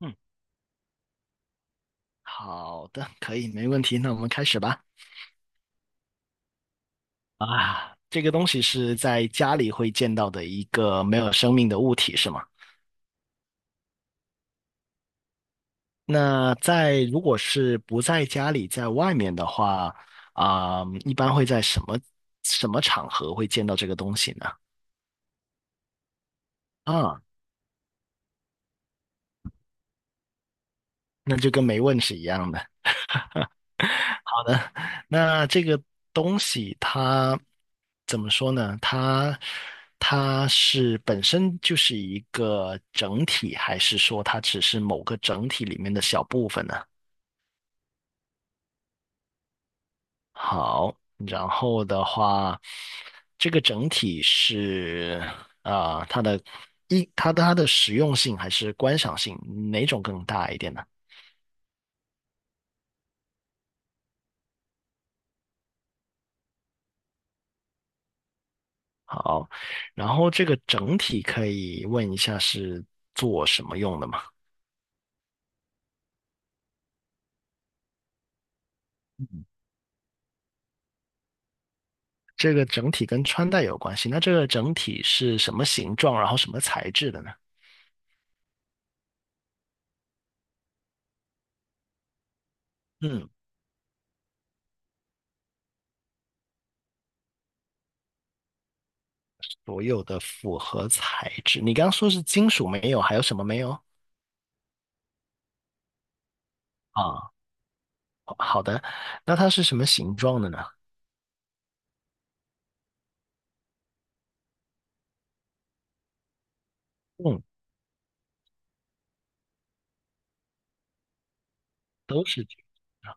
嗯，好的，可以，没问题。那我们开始吧。这个东西是在家里会见到的一个没有生命的物体，是吗？那在如果是不在家里，在外面的话，一般会在什么场合会见到这个东西呢？啊，那就跟没问是一样的。好的，那这个东西它怎么说呢？它是本身就是一个整体，还是说它只是某个整体里面的小部分呢？好，然后的话，这个整体是它的它的实用性还是观赏性，哪种更大一点呢？好，然后这个整体可以问一下是做什么用的吗？这个整体跟穿戴有关系。那这个整体是什么形状，然后什么材质的呢？嗯，所有的复合材质。你刚刚说是金属没有，还有什么没有？啊，好的。那它是什么形状的呢？嗯，都是金属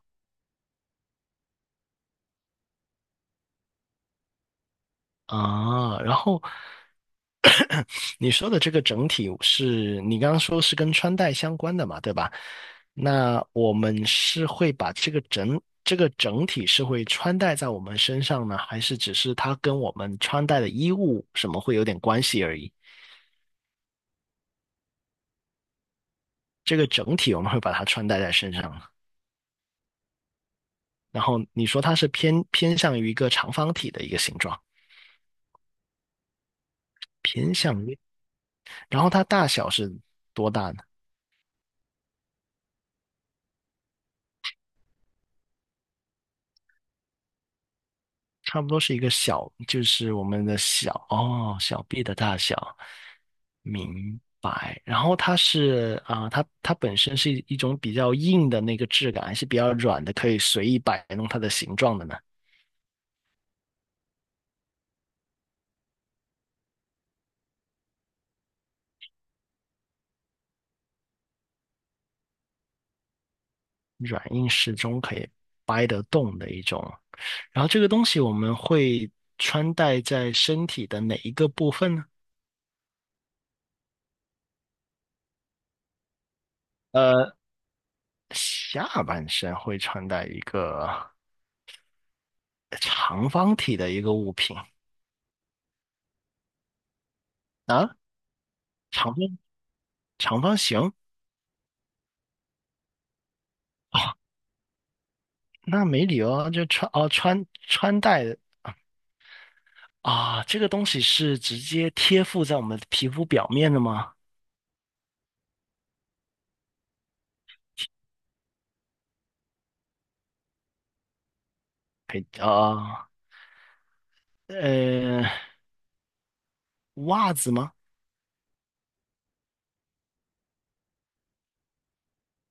的啊。然后你说的这个整体是你刚刚说是跟穿戴相关的嘛，对吧？那我们是会把这个整体是会穿戴在我们身上呢，还是只是它跟我们穿戴的衣物什么会有点关系而已？这个整体我们会把它穿戴在身上啊，然后你说它是偏向于一个长方体的一个形状，偏向于，然后它大小是多大呢？差不多是一个小，就是我们的小，哦，小臂的大小，明白。然后它是它本身是一种比较硬的那个质感，还是比较软的，可以随意摆弄它的形状的呢？软硬适中，可以掰得动的一种。然后这个东西我们会穿戴在身体的哪一个部分呢？呃，下半身会穿戴一个长方体的一个物品啊，长方长方形那没理由啊，就穿哦穿穿戴啊，这个东西是直接贴附在我们皮肤表面的吗？可以啊，呃，袜子吗？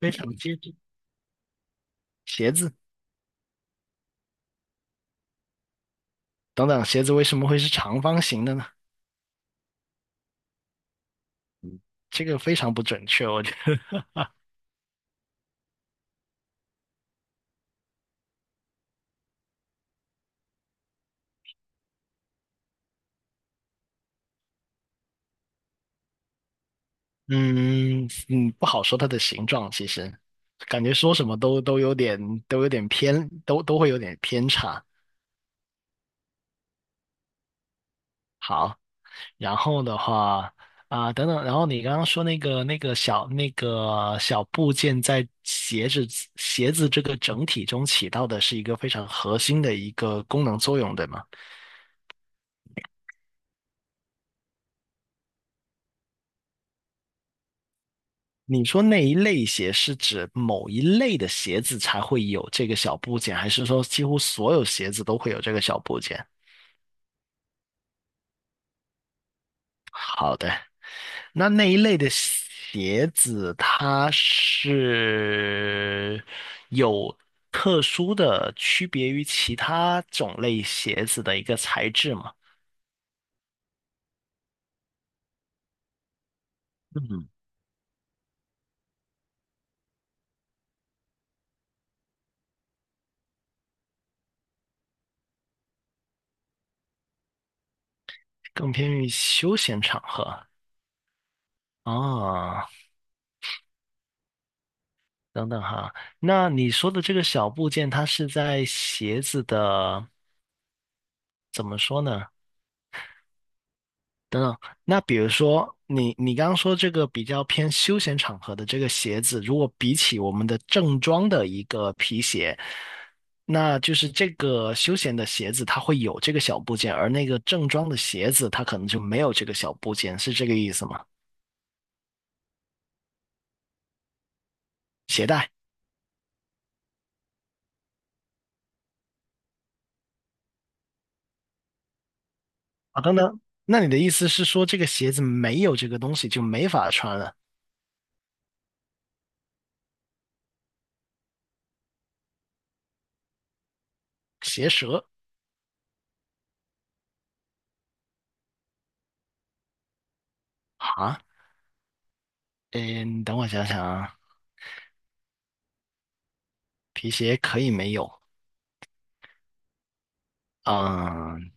非常接近。鞋子等等，鞋子为什么会是长方形的呢？这个非常不准确，我觉得。嗯嗯，不好说它的形状，其实感觉说什么都有点都有点偏，都会有点偏差。好。然后的话等等，然后你刚刚说那个那个小部件在鞋子这个整体中起到的是一个非常核心的一个功能作用，对吗？你说那一类鞋是指某一类的鞋子才会有这个小部件，还是说几乎所有鞋子都会有这个小部件？好的，那那一类的鞋子，它是有特殊的区别于其他种类鞋子的一个材质吗？嗯，更偏于休闲场合啊。等等哈，那你说的这个小部件，它是在鞋子的，怎么说呢？等等，那比如说你刚刚说这个比较偏休闲场合的这个鞋子，如果比起我们的正装的一个皮鞋，那就是这个休闲的鞋子它会有这个小部件，而那个正装的鞋子它可能就没有这个小部件，是这个意思吗？鞋带啊，等等，那你的意思是说这个鞋子没有这个东西就没法穿了？鞋舌啊？嗯，等我想想啊，皮鞋可以没有，嗯。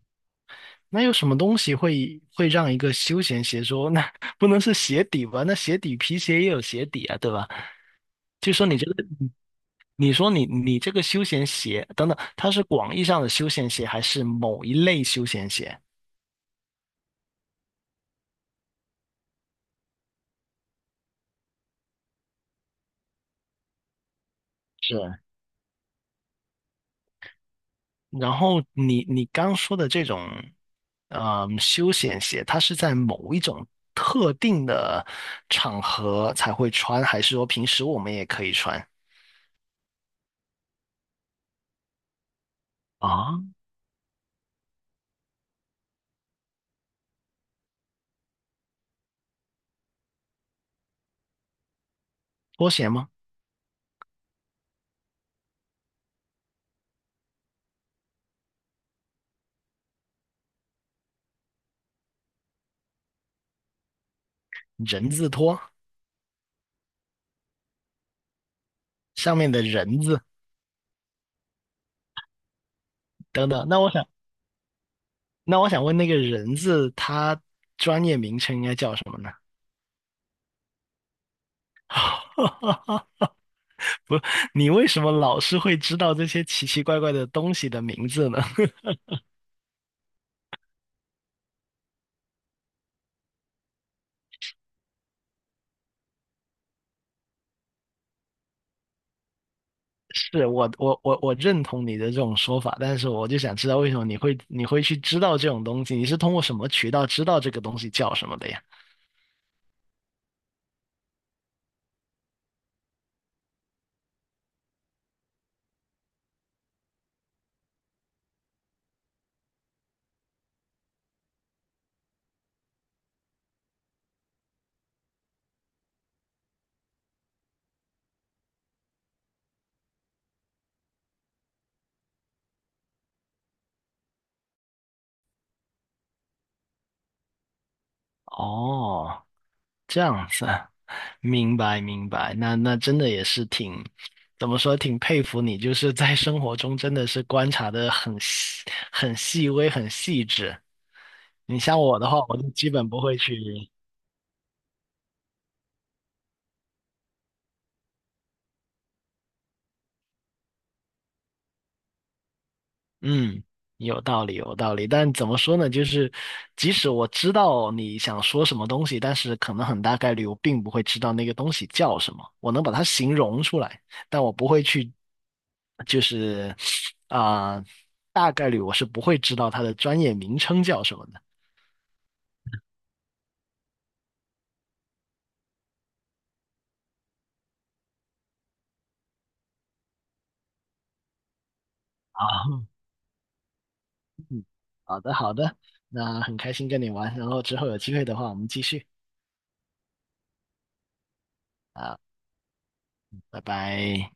那有什么东西会让一个休闲鞋说，那不能是鞋底吧？那鞋底皮鞋也有鞋底啊，对吧？就说你这个，你说你这个休闲鞋等等，它是广义上的休闲鞋，还是某一类休闲鞋？是，然后你刚说的这种，嗯，休闲鞋，它是在某一种特定的场合才会穿，还是说平时我们也可以穿？啊，拖鞋吗？人字拖，上面的人字。等等，那我想，那我想问那个人字，他专业名称应该叫什么呢？不，你为什么老是会知道这些奇奇怪怪的东西的名字呢？我认同你的这种说法，但是我就想知道为什么你会去知道这种东西？你是通过什么渠道知道这个东西叫什么的呀？哦，这样子啊，明白明白，那那真的也是挺，怎么说，挺佩服你，就是在生活中真的是观察的很细、很细微、很细致。你像我的话，我就基本不会去。嗯，有道理，有道理。但怎么说呢？就是即使我知道你想说什么东西，但是可能很大概率我并不会知道那个东西叫什么。我能把它形容出来，但我不会去，就是啊、大概率我是不会知道它的专业名称叫什么的。啊，好的，好的。那很开心跟你玩，然后之后有机会的话，我们继续啊，拜拜。